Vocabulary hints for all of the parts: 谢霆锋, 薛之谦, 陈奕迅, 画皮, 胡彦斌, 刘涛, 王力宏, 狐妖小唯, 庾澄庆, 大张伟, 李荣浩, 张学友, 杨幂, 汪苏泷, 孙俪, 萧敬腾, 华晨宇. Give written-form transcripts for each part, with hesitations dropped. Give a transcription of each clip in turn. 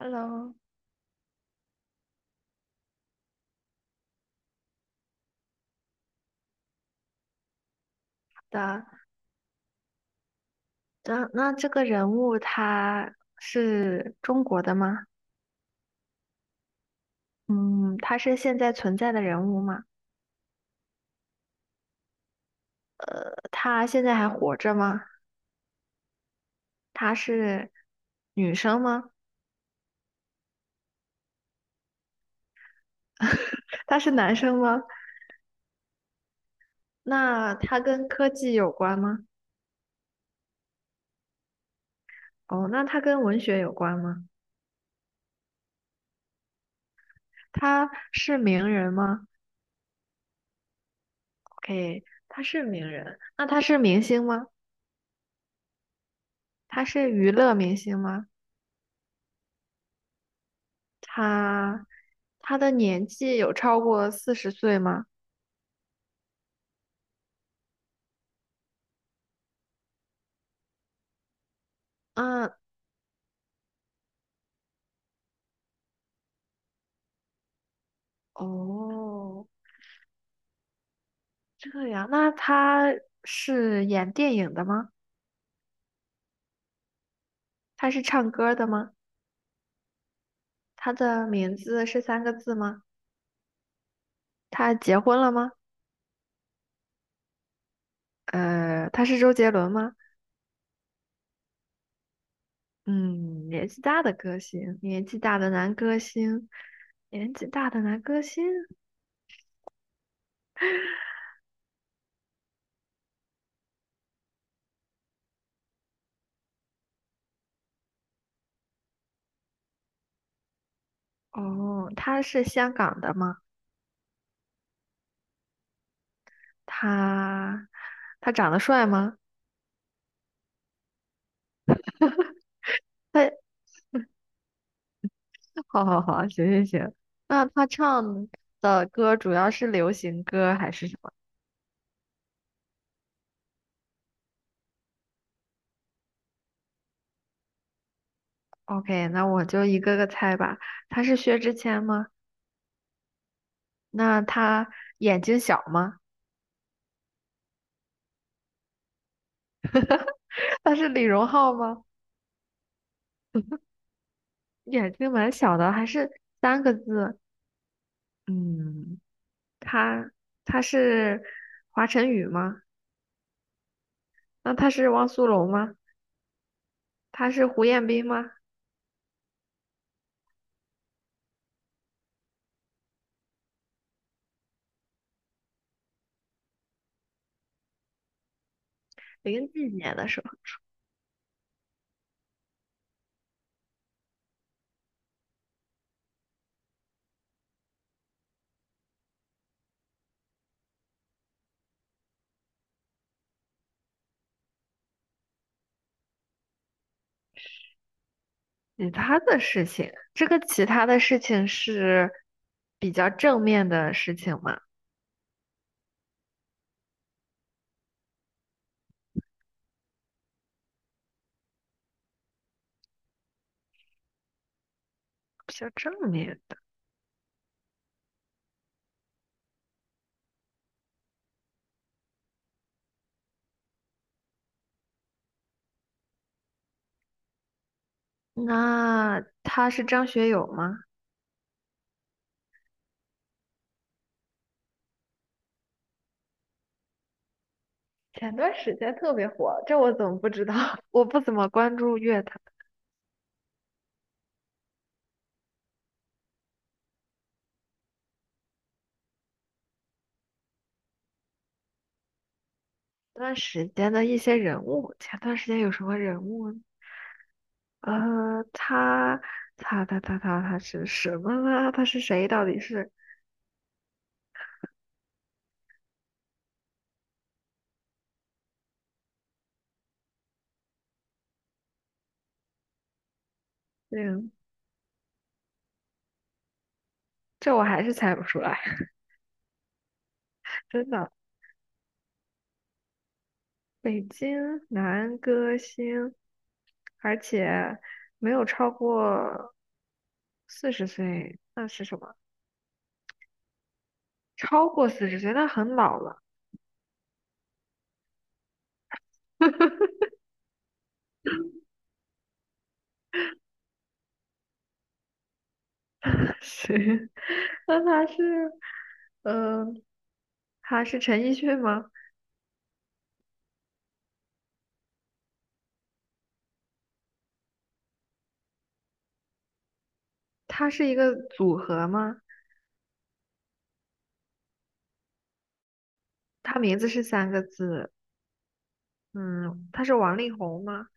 Hello，好的，那这个人物他是中国的吗？嗯，他是现在存在的人物吗？他现在还活着吗？他是女生吗？他是男生吗？那他跟科技有关吗？哦，那他跟文学有关吗？他是名人吗？OK，他是名人。那他是明星吗？他是娱乐明星吗？他他的年纪有超过四十岁吗？嗯，哦，这样，那他是演电影的吗？他是唱歌的吗？他的名字是三个字吗？他结婚了吗？他是周杰伦吗？嗯，年纪大的歌星，年纪大的男歌星，年纪大的男歌星。哦，他是香港的吗？他他长得帅吗？他，好好好，行行行。那他唱的歌主要是流行歌还是什么？OK，那我就一个个猜吧。他是薛之谦吗？那他眼睛小吗？他是李荣浩吗？眼睛蛮小的，还是三个字？嗯，他他是华晨宇吗？那他是汪苏泷吗？他是胡彦斌吗？零几年的时候，其他的事情，这个其他的事情是比较正面的事情吗？比较正面的。那他是张学友吗？前段时间特别火，这我怎么不知道？我不怎么关注乐坛。前段时间的一些人物，前段时间有什么人物呢呃，他他是什么呢？他是谁？到底是嗯，这我还是猜不出来，真的。北京男歌星，而且没有超过四十岁，那是什么？超过四十岁，那很老了。谁？那他是，呃，他是陈奕迅吗？他是一个组合吗？他名字是三个字，嗯，他是王力宏吗？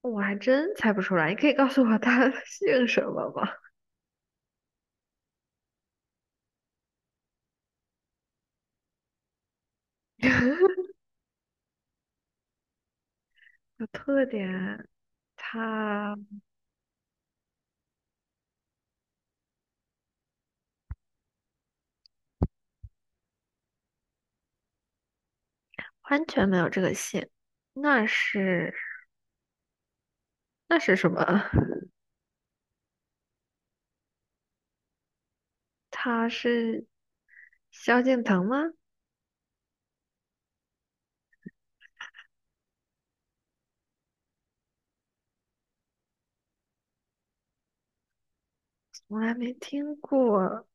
我还真猜不出来，你可以告诉我他 姓什么吗？有特点，他完全没有这个姓，那是那是什么？他是萧敬腾吗？我还没听过，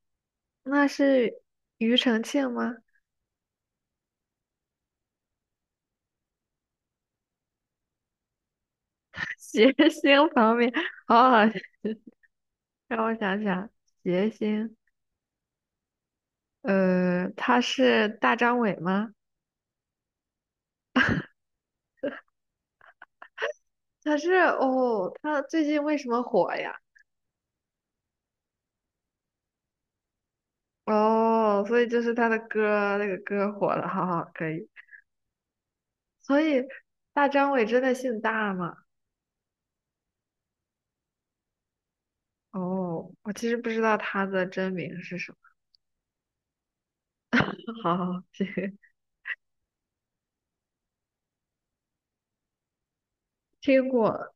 那是庾澄庆吗？谐星旁边，好好，让我想想，谐星，他是大张伟吗？他是哦，他最近为什么火呀？哦，所以就是他的歌，那个歌火了，好好，可以。所以大张伟真的姓大吗？哦，我其实不知道他的真名是什么。好好，行，听过，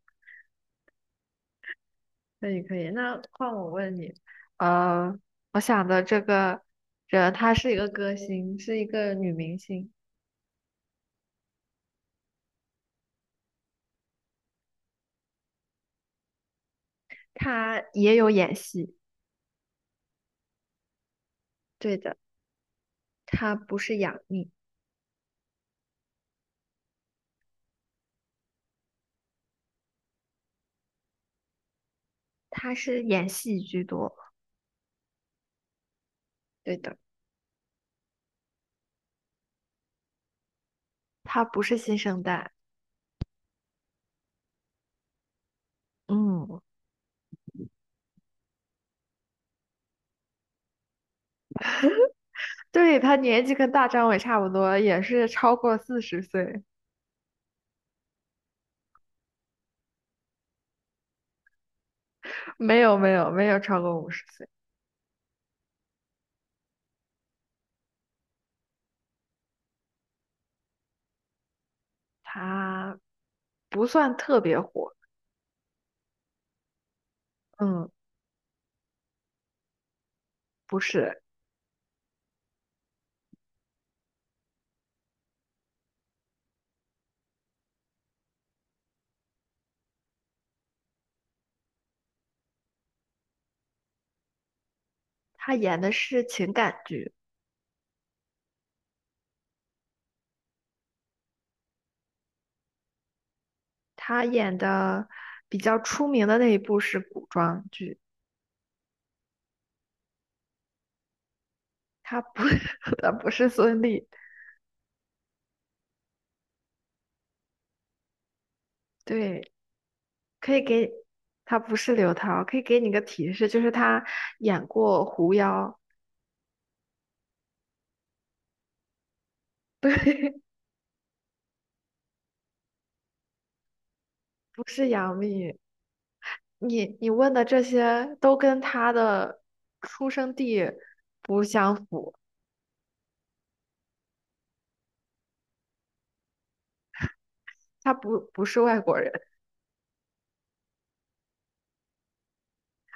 可以可以。那换我问你，呃，我想的这个人，她是一个歌星，是一个女明星。他也有演戏，对的，他不是杨幂，他是演戏居多，对的，他不是新生代，嗯，对，他年纪跟大张伟差不多，也是超过四十岁，没有没有没有超过50岁，他不算特别火，嗯，不是，他演的是情感剧，他演的比较出名的那一部是古装剧，他不 他不是孙俪，对。可以给他不是刘涛，可以给你个提示，就是他演过狐妖，不是杨幂。你问的这些都跟他的出生地不相符，他不是外国人。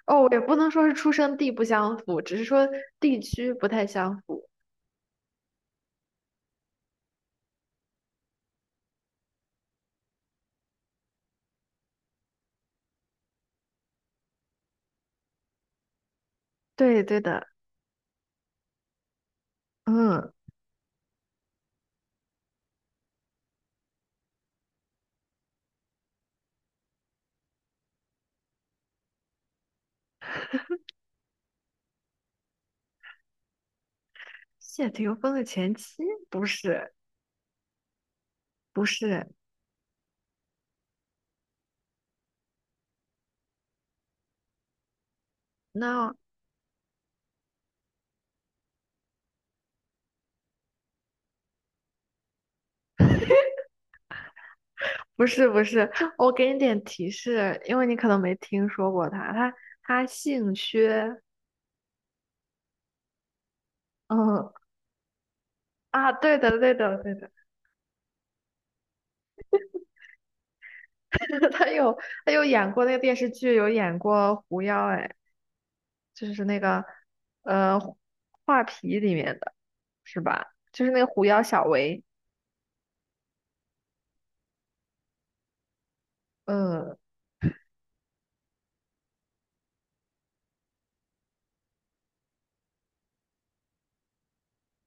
哦，也不能说是出生地不相符，只是说地区不太相符。对对的，嗯，谢霆锋的前妻不是不是，那不是不是，我给你点提示，因为你可能没听说过他。他姓薛，嗯啊，对的对的对的，他有他有演过那个电视剧，有演过狐妖，哎，就是那个呃画皮里面的是吧？就是那个狐妖小唯。嗯，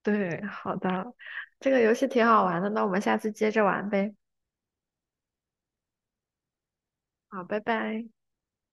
对，好的，这个游戏挺好玩的，那我们下次接着玩呗。好，拜拜。